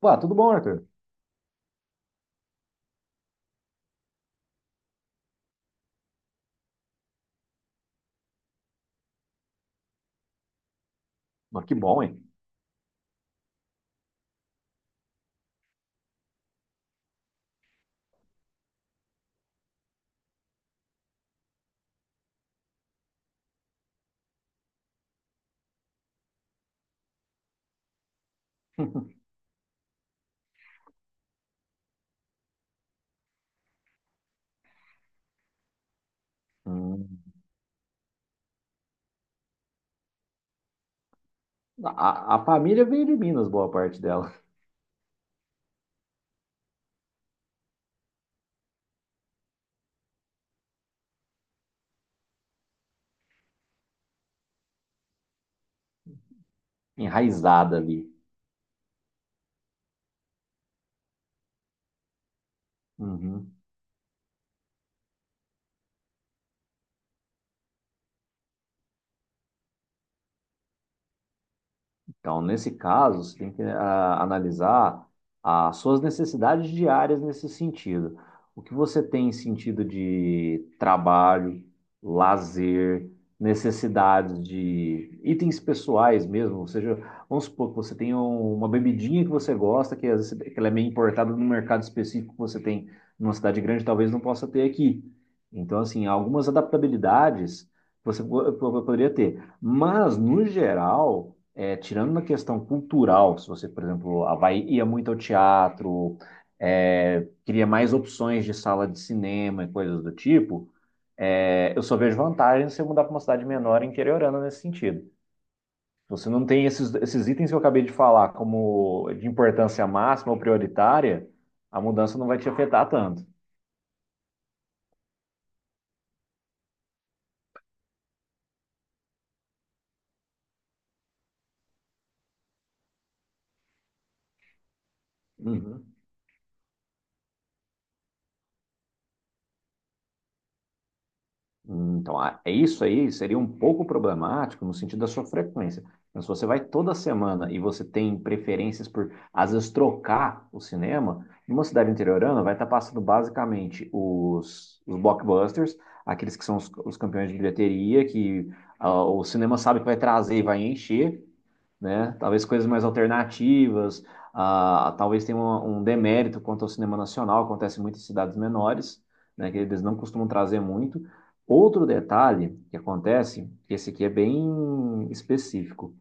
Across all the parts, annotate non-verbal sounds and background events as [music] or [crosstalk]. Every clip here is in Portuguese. Pô, tudo bom, Arthur? Mas que bom, hein? [laughs] Hum. A família veio de Minas, boa parte dela. Enraizada ali. Uhum. Então, nesse caso, você tem que analisar as suas necessidades diárias nesse sentido. O que você tem em sentido de trabalho, lazer, necessidades de itens pessoais mesmo. Ou seja, vamos supor que você tem uma bebidinha que você gosta, que, às vezes, que ela é meio importada no mercado específico que você tem numa cidade grande, talvez não possa ter aqui. Então, assim, algumas adaptabilidades você poderia ter. Mas, no geral tirando na questão cultural, se você, por exemplo, Havaí ia muito ao teatro, queria mais opções de sala de cinema e coisas do tipo, eu só vejo vantagem se eu mudar para uma cidade menor e interiorana nesse sentido. Você não tem esses, esses itens que eu acabei de falar como de importância máxima ou prioritária, a mudança não vai te afetar tanto. Uhum. Hum. Então, é isso aí seria um pouco problemático no sentido da sua frequência. Mas se você vai toda semana e você tem preferências por, às vezes, trocar o cinema, numa cidade interiorana vai estar passando basicamente os blockbusters, aqueles que são os campeões de bilheteria, que o cinema sabe que vai trazer e vai encher, né? Talvez coisas mais alternativas, talvez tenha um, um demérito quanto ao cinema nacional, acontece muito em cidades menores, né? Que eles não costumam trazer muito. Outro detalhe que acontece, esse aqui é bem específico,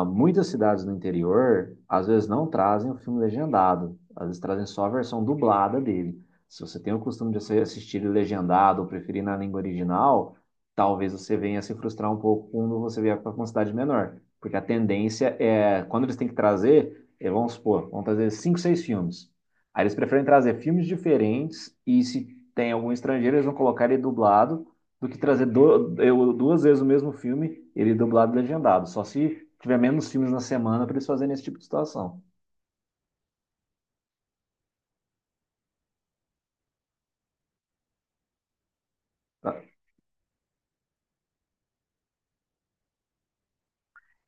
muitas cidades no interior, às vezes, não trazem o filme legendado, às vezes trazem só a versão dublada dele. Se você tem o costume de assistir ele legendado ou preferir na língua original, talvez você venha se frustrar um pouco quando você vier para uma cidade menor. Porque a tendência é, quando eles têm que trazer, vamos supor, vão trazer cinco, seis filmes. Aí eles preferem trazer filmes diferentes e se tem algum estrangeiro, eles vão colocar ele dublado do que trazer duas vezes o mesmo filme, ele dublado e legendado. Só se tiver menos filmes na semana para eles fazerem esse tipo de situação. Tá?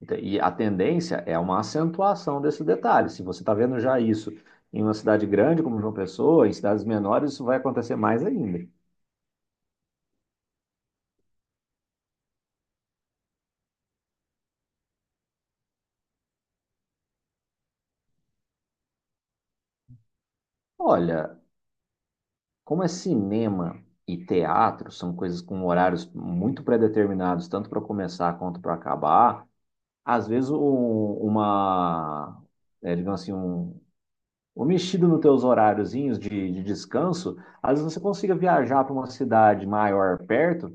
Então, e a tendência é uma acentuação desse detalhe. Se você está vendo já isso em uma cidade grande como João Pessoa, em cidades menores, isso vai acontecer mais ainda. Olha, como é cinema e teatro, são coisas com horários muito predeterminados, tanto para começar quanto para acabar. Às vezes, um- uma, é, digamos assim, um, ou mexido nos teus horáriozinhos de descanso, às vezes você consiga viajar para uma cidade maior perto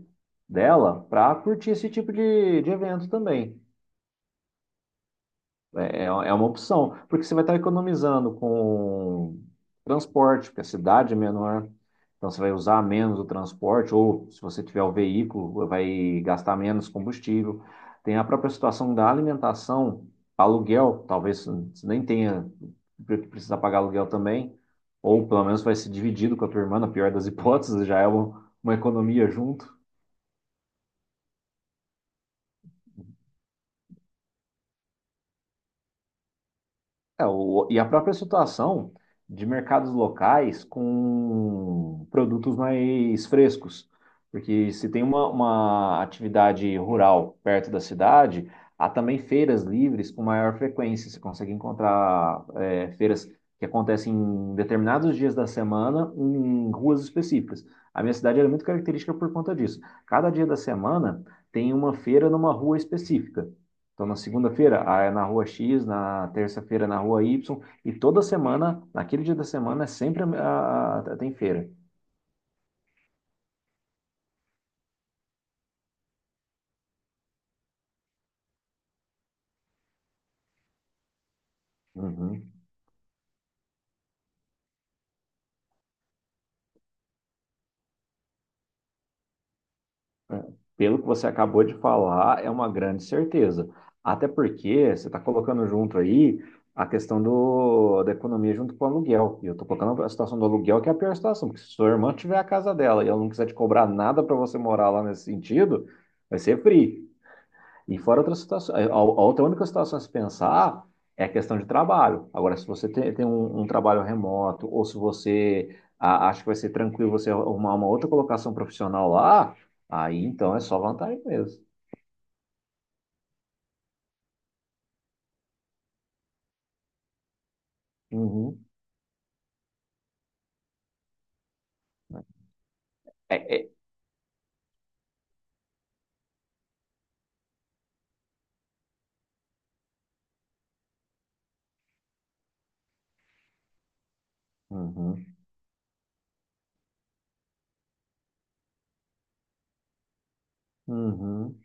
dela para curtir esse tipo de evento também. É uma opção, porque você vai estar economizando com transporte, porque a cidade é menor, então você vai usar menos o transporte, ou se você tiver o veículo, vai gastar menos combustível. Tem a própria situação da alimentação, aluguel, talvez você nem tenha precisar pagar aluguel também, ou pelo menos vai ser dividido com a tua irmã, na pior das [laughs] hipóteses, já é uma economia junto. É, e a própria situação de mercados locais com produtos mais frescos. Porque se tem uma atividade rural perto da cidade, há também feiras livres com maior frequência. Você consegue encontrar é, feiras que acontecem em determinados dias da semana em ruas específicas. A minha cidade ela é muito característica por conta disso. Cada dia da semana tem uma feira numa rua específica. Então, na segunda-feira, é na rua X, na terça-feira, é na rua Y, e toda semana, naquele dia da semana, é sempre tem feira. Uhum. É. Pelo que você acabou de falar, é uma grande certeza. Até porque você está colocando junto aí a questão do, da economia junto com o aluguel. E eu estou colocando a situação do aluguel, que é a pior situação, porque se sua irmã tiver a casa dela e ela não quiser te cobrar nada para você morar lá nesse sentido, vai ser free. E fora outras situações, a outra única situação a se pensar é a questão de trabalho. Agora, se você tem um, um trabalho remoto, ou se você acha que vai ser tranquilo você arrumar uma outra colocação profissional lá, aí então é só vantagem mesmo. Uhum. É, é. Uhum. Uhum.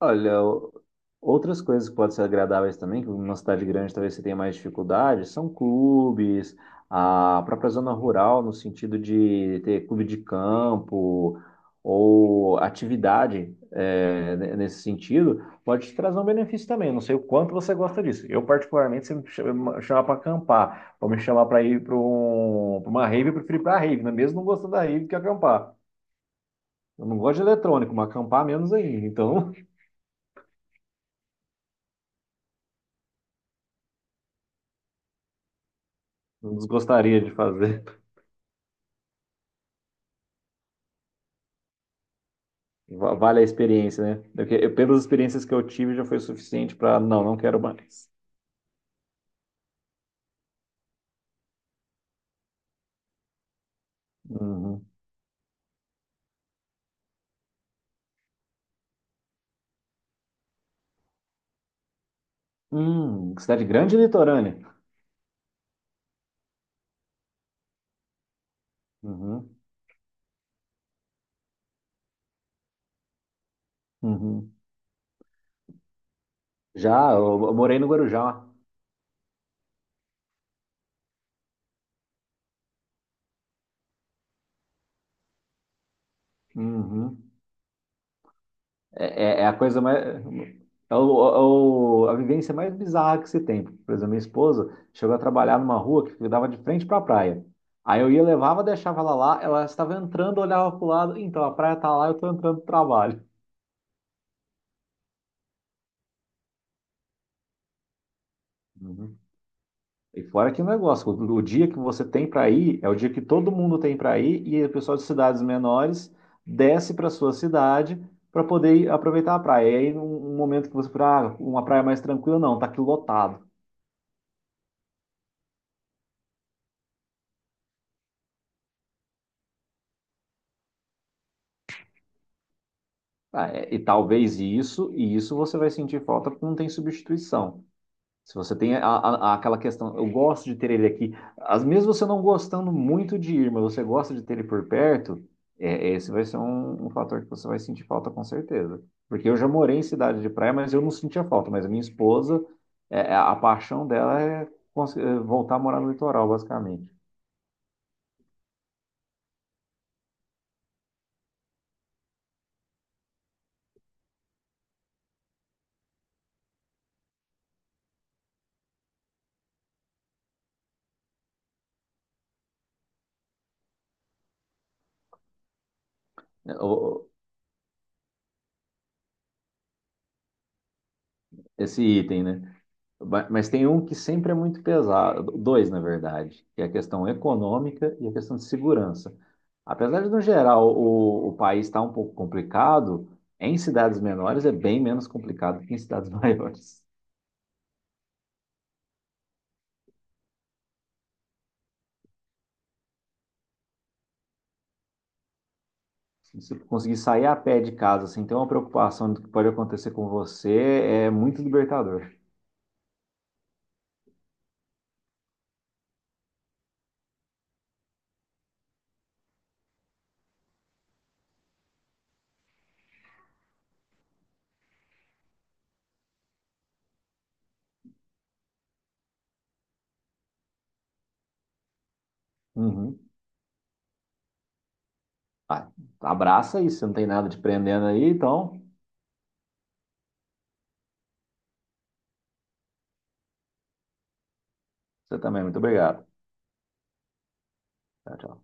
Olha, outras coisas que podem ser agradáveis também, que numa cidade grande talvez você tenha mais dificuldade, são clubes, a própria zona rural, no sentido de ter clube de campo ou atividade nesse sentido, pode te trazer um benefício também. Não sei o quanto você gosta disso. Eu, particularmente, se me chamar para acampar, ou me chamar para ir para uma rave, eu prefiro ir para a rave, né? Mesmo não gostando da rave que acampar. Eu não gosto de eletrônico, mas acampar menos ainda. Então não gostaria de fazer. Vale a experiência, né? Porque pelas experiências que eu tive, já foi suficiente para não, não quero mais. Uhum. Cidade grande e litorânea. Uhum. Uhum. Já, eu morei no Guarujá. Uhum. É a coisa mais. A vivência mais bizarra que se tem. Por exemplo, minha esposa chegou a trabalhar numa rua que dava de frente para a praia. Aí eu ia, levava, deixava ela lá, ela estava entrando, olhava para o lado, então a praia tá lá, eu estou entrando no trabalho. Uhum. E fora que negócio, o dia que você tem para ir é o dia que todo mundo tem para ir e o pessoal de cidades menores desce para sua cidade para poder ir aproveitar a praia. E aí, num um momento que você fala, ah, uma praia mais tranquila, não, tá aqui lotado. Ah, e talvez isso, e isso você vai sentir falta porque não tem substituição. Se você tem aquela questão, eu gosto de ter ele aqui. Às vezes você não gostando muito de ir, mas você gosta de ter ele por perto, é, esse vai ser um, um fator que você vai sentir falta com certeza. Porque eu já morei em cidade de praia, mas eu não sentia falta. Mas a minha esposa, a paixão dela é é voltar a morar no litoral, basicamente. É, esse item, né? Mas tem um que sempre é muito pesado, dois, na verdade, que é a questão econômica e a questão de segurança. Apesar de, no geral, o país estar um pouco complicado, em cidades menores é bem menos complicado que em cidades [laughs] maiores. Se você conseguir sair a pé de casa sem ter uma preocupação do que pode acontecer com você, é muito libertador. Uhum. Ah, abraça isso, você não tem nada te prendendo aí, então você também, é muito obrigado. Tchau, tchau.